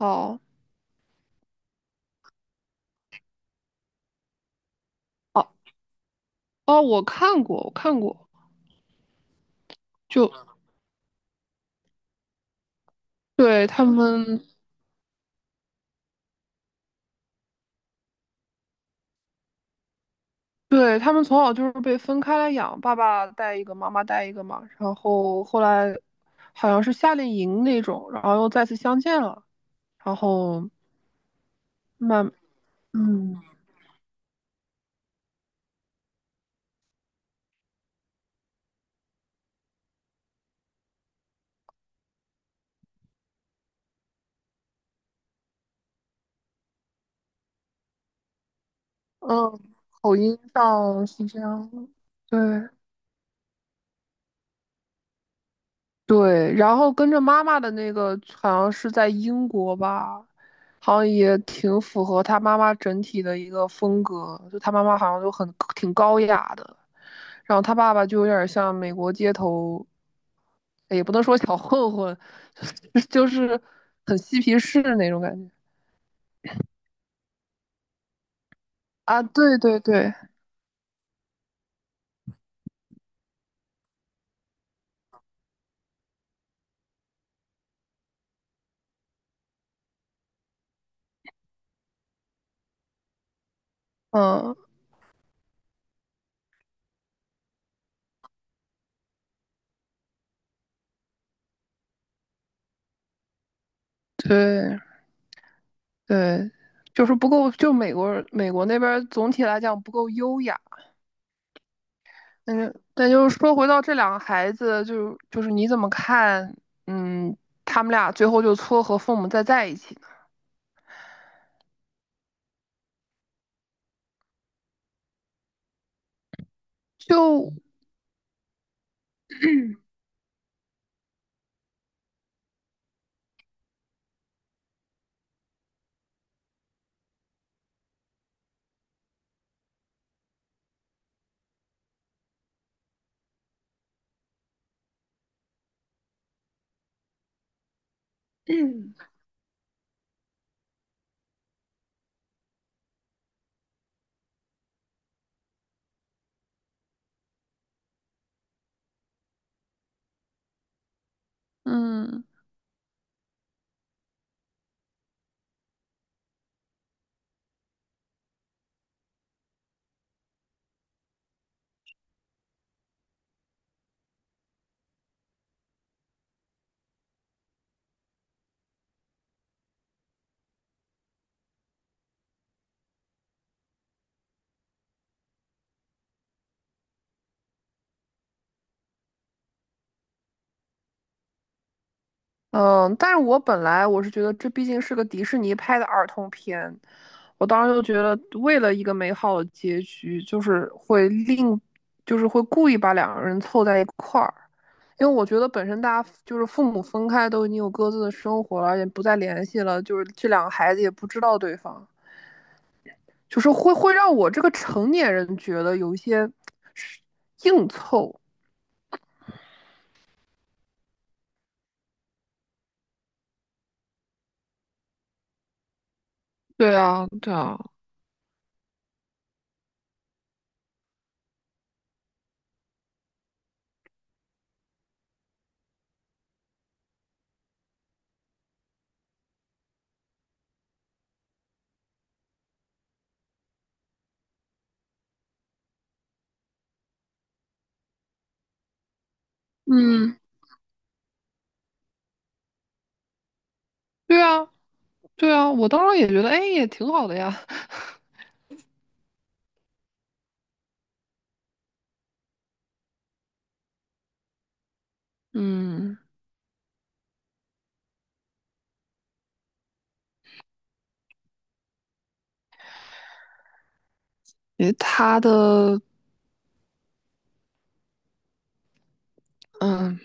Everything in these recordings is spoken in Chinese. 哦哦哦，我看过，我看过。就嗯对他们，对他们从小就是被分开来养，爸爸带一个，妈妈带一个嘛，然后后来好像是夏令营那种，然后又再次相见了，然后慢，嗯嗯，口音上是这样的对。对，然后跟着妈妈的那个好像是在英国吧，好像也挺符合他妈妈整体的一个风格，就他妈妈好像就很挺高雅的，然后他爸爸就有点像美国街头，也不能说小混混，就是很嬉皮士那种感觉啊。对对对，嗯，对对，就是不够，就美国那边儿总体来讲不够优雅。但就是说，回到这两个孩子，就是你怎么看？嗯，他们俩最后就撮合父母再在一起呢？就 嗯嗯嗯，但是我本来我是觉得这毕竟是个迪士尼拍的儿童片，我当时就觉得为了一个美好的结局，就是会另，就是会故意把两个人凑在一块儿，因为我觉得本身大家就是父母分开都已经有各自的生活了，也不再联系了，就是这两个孩子也不知道对方。就是会让我这个成年人觉得有一些硬凑。对啊，对啊，嗯，对啊，对啊，我当时也觉得，哎，也挺好的呀。嗯，也他的，嗯，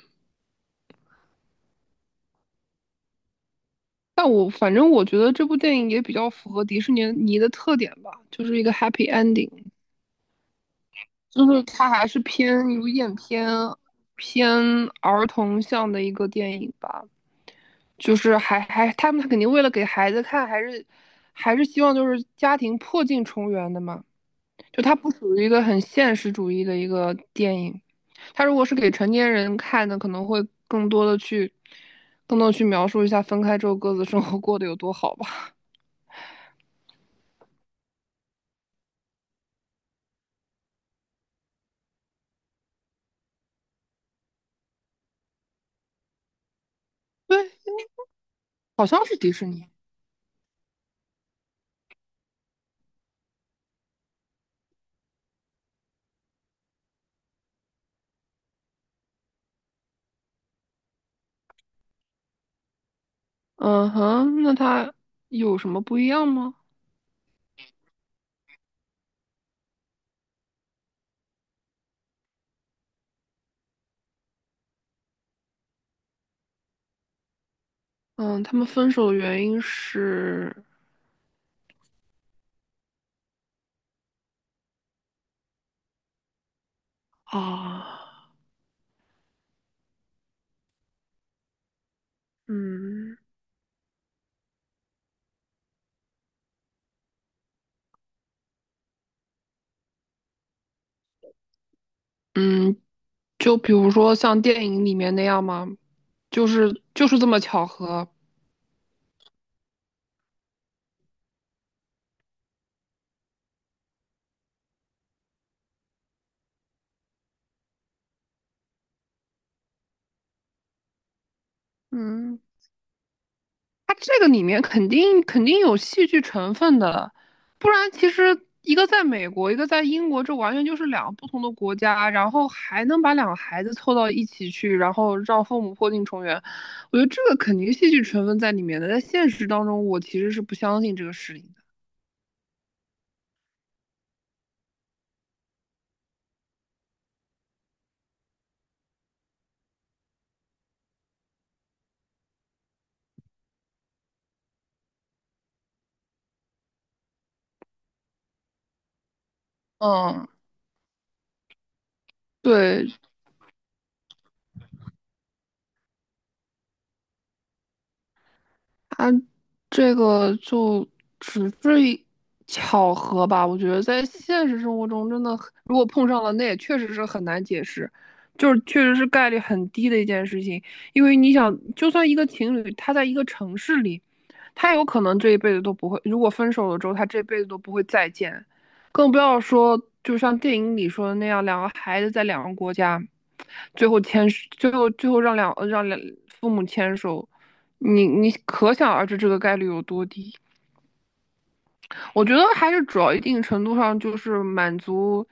但我反正我觉得这部电影也比较符合迪士尼尼的特点吧，就是一个 happy ending，就是它还是有点偏儿童向的一个电影吧。就是他们肯定为了给孩子看，还是希望就是家庭破镜重圆的嘛。就它不属于一个很现实主义的一个电影，它如果是给成年人看的，可能会更多的去更多的去描述一下分开之后各自生活过得有多好吧。对，好像是迪士尼。嗯哼，那它有什么不一样吗？嗯，他们分手的原因是啊，嗯嗯，就比如说像电影里面那样吗？就是这么巧合。嗯，它这个里面肯定有戏剧成分的，不然其实一个在美国，一个在英国，这完全就是两个不同的国家，然后还能把两个孩子凑到一起去，然后让父母破镜重圆，我觉得这个肯定戏剧成分在里面的。在现实当中，我其实是不相信这个事情的。嗯，对，它这个就只是一巧合吧。我觉得在现实生活中，真的很如果碰上了，那也确实是很难解释，就是确实是概率很低的一件事情。因为你想，就算一个情侣，他在一个城市里，他有可能这一辈子都不会，如果分手了之后，他这辈子都不会再见，更不要说就像电影里说的那样，两个孩子在两个国家，最后让两让两父母牵手。你可想而知这个概率有多低。我觉得还是主要一定程度上就是满足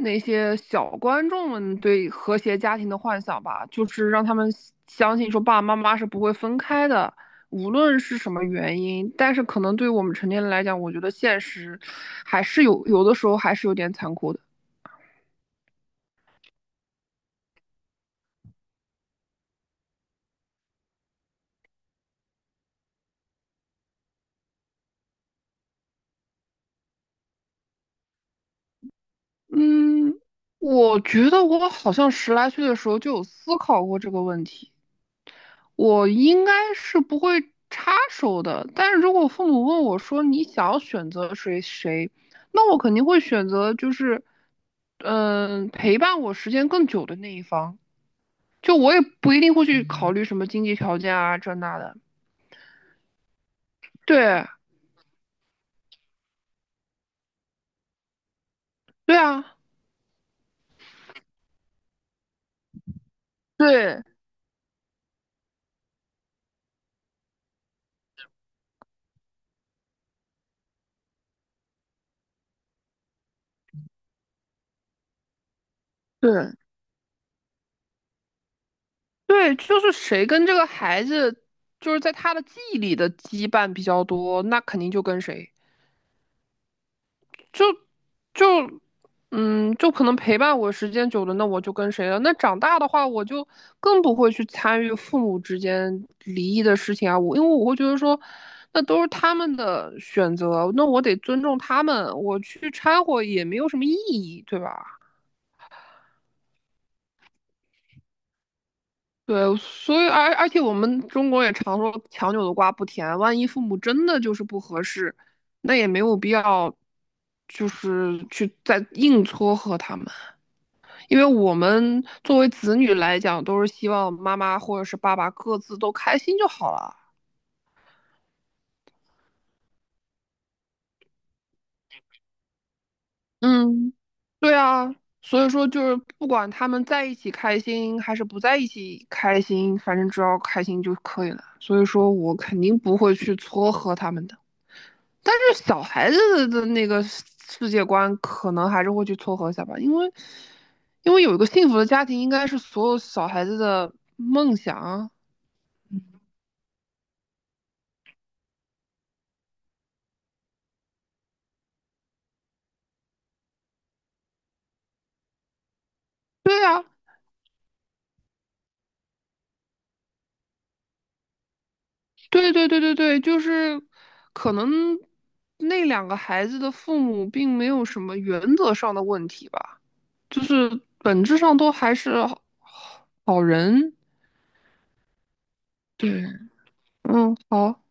那些小观众们对和谐家庭的幻想吧，就是让他们相信说爸爸妈妈是不会分开的，无论是什么原因。但是可能对于我们成年人来讲，我觉得现实还是有的时候还是有点残酷的。嗯，我觉得我好像十来岁的时候就有思考过这个问题。我应该是不会插手的，但是如果父母问我说你想要选择谁，那我肯定会选择嗯、陪伴我时间更久的那一方。就我也不一定会去考虑什么经济条件啊这那的。对，对啊，对对对，就是谁跟这个孩子就是在他的记忆里的羁绊比较多，那肯定就跟谁。就嗯，就可能陪伴我时间久了，那我就跟谁了？那长大的话，我就更不会去参与父母之间离异的事情啊。我因为我会觉得说，那都是他们的选择，那我得尊重他们，我去掺和也没有什么意义，对吧？对，所以而且我们中国也常说强扭的瓜不甜，万一父母真的就是不合适，那也没有必要，就是去再硬撮合他们。因为我们作为子女来讲，都是希望妈妈或者是爸爸各自都开心就好了。嗯，对啊，所以说就是不管他们在一起开心还是不在一起开心，反正只要开心就可以了。所以说我肯定不会去撮合他们的。但是小孩子的那个世界观，可能还是会去撮合一下吧，因为有一个幸福的家庭，应该是所有小孩子的梦想啊。对啊，对对对对对，就是可能那两个孩子的父母并没有什么原则上的问题吧，就是本质上都还是好人。对。嗯，好。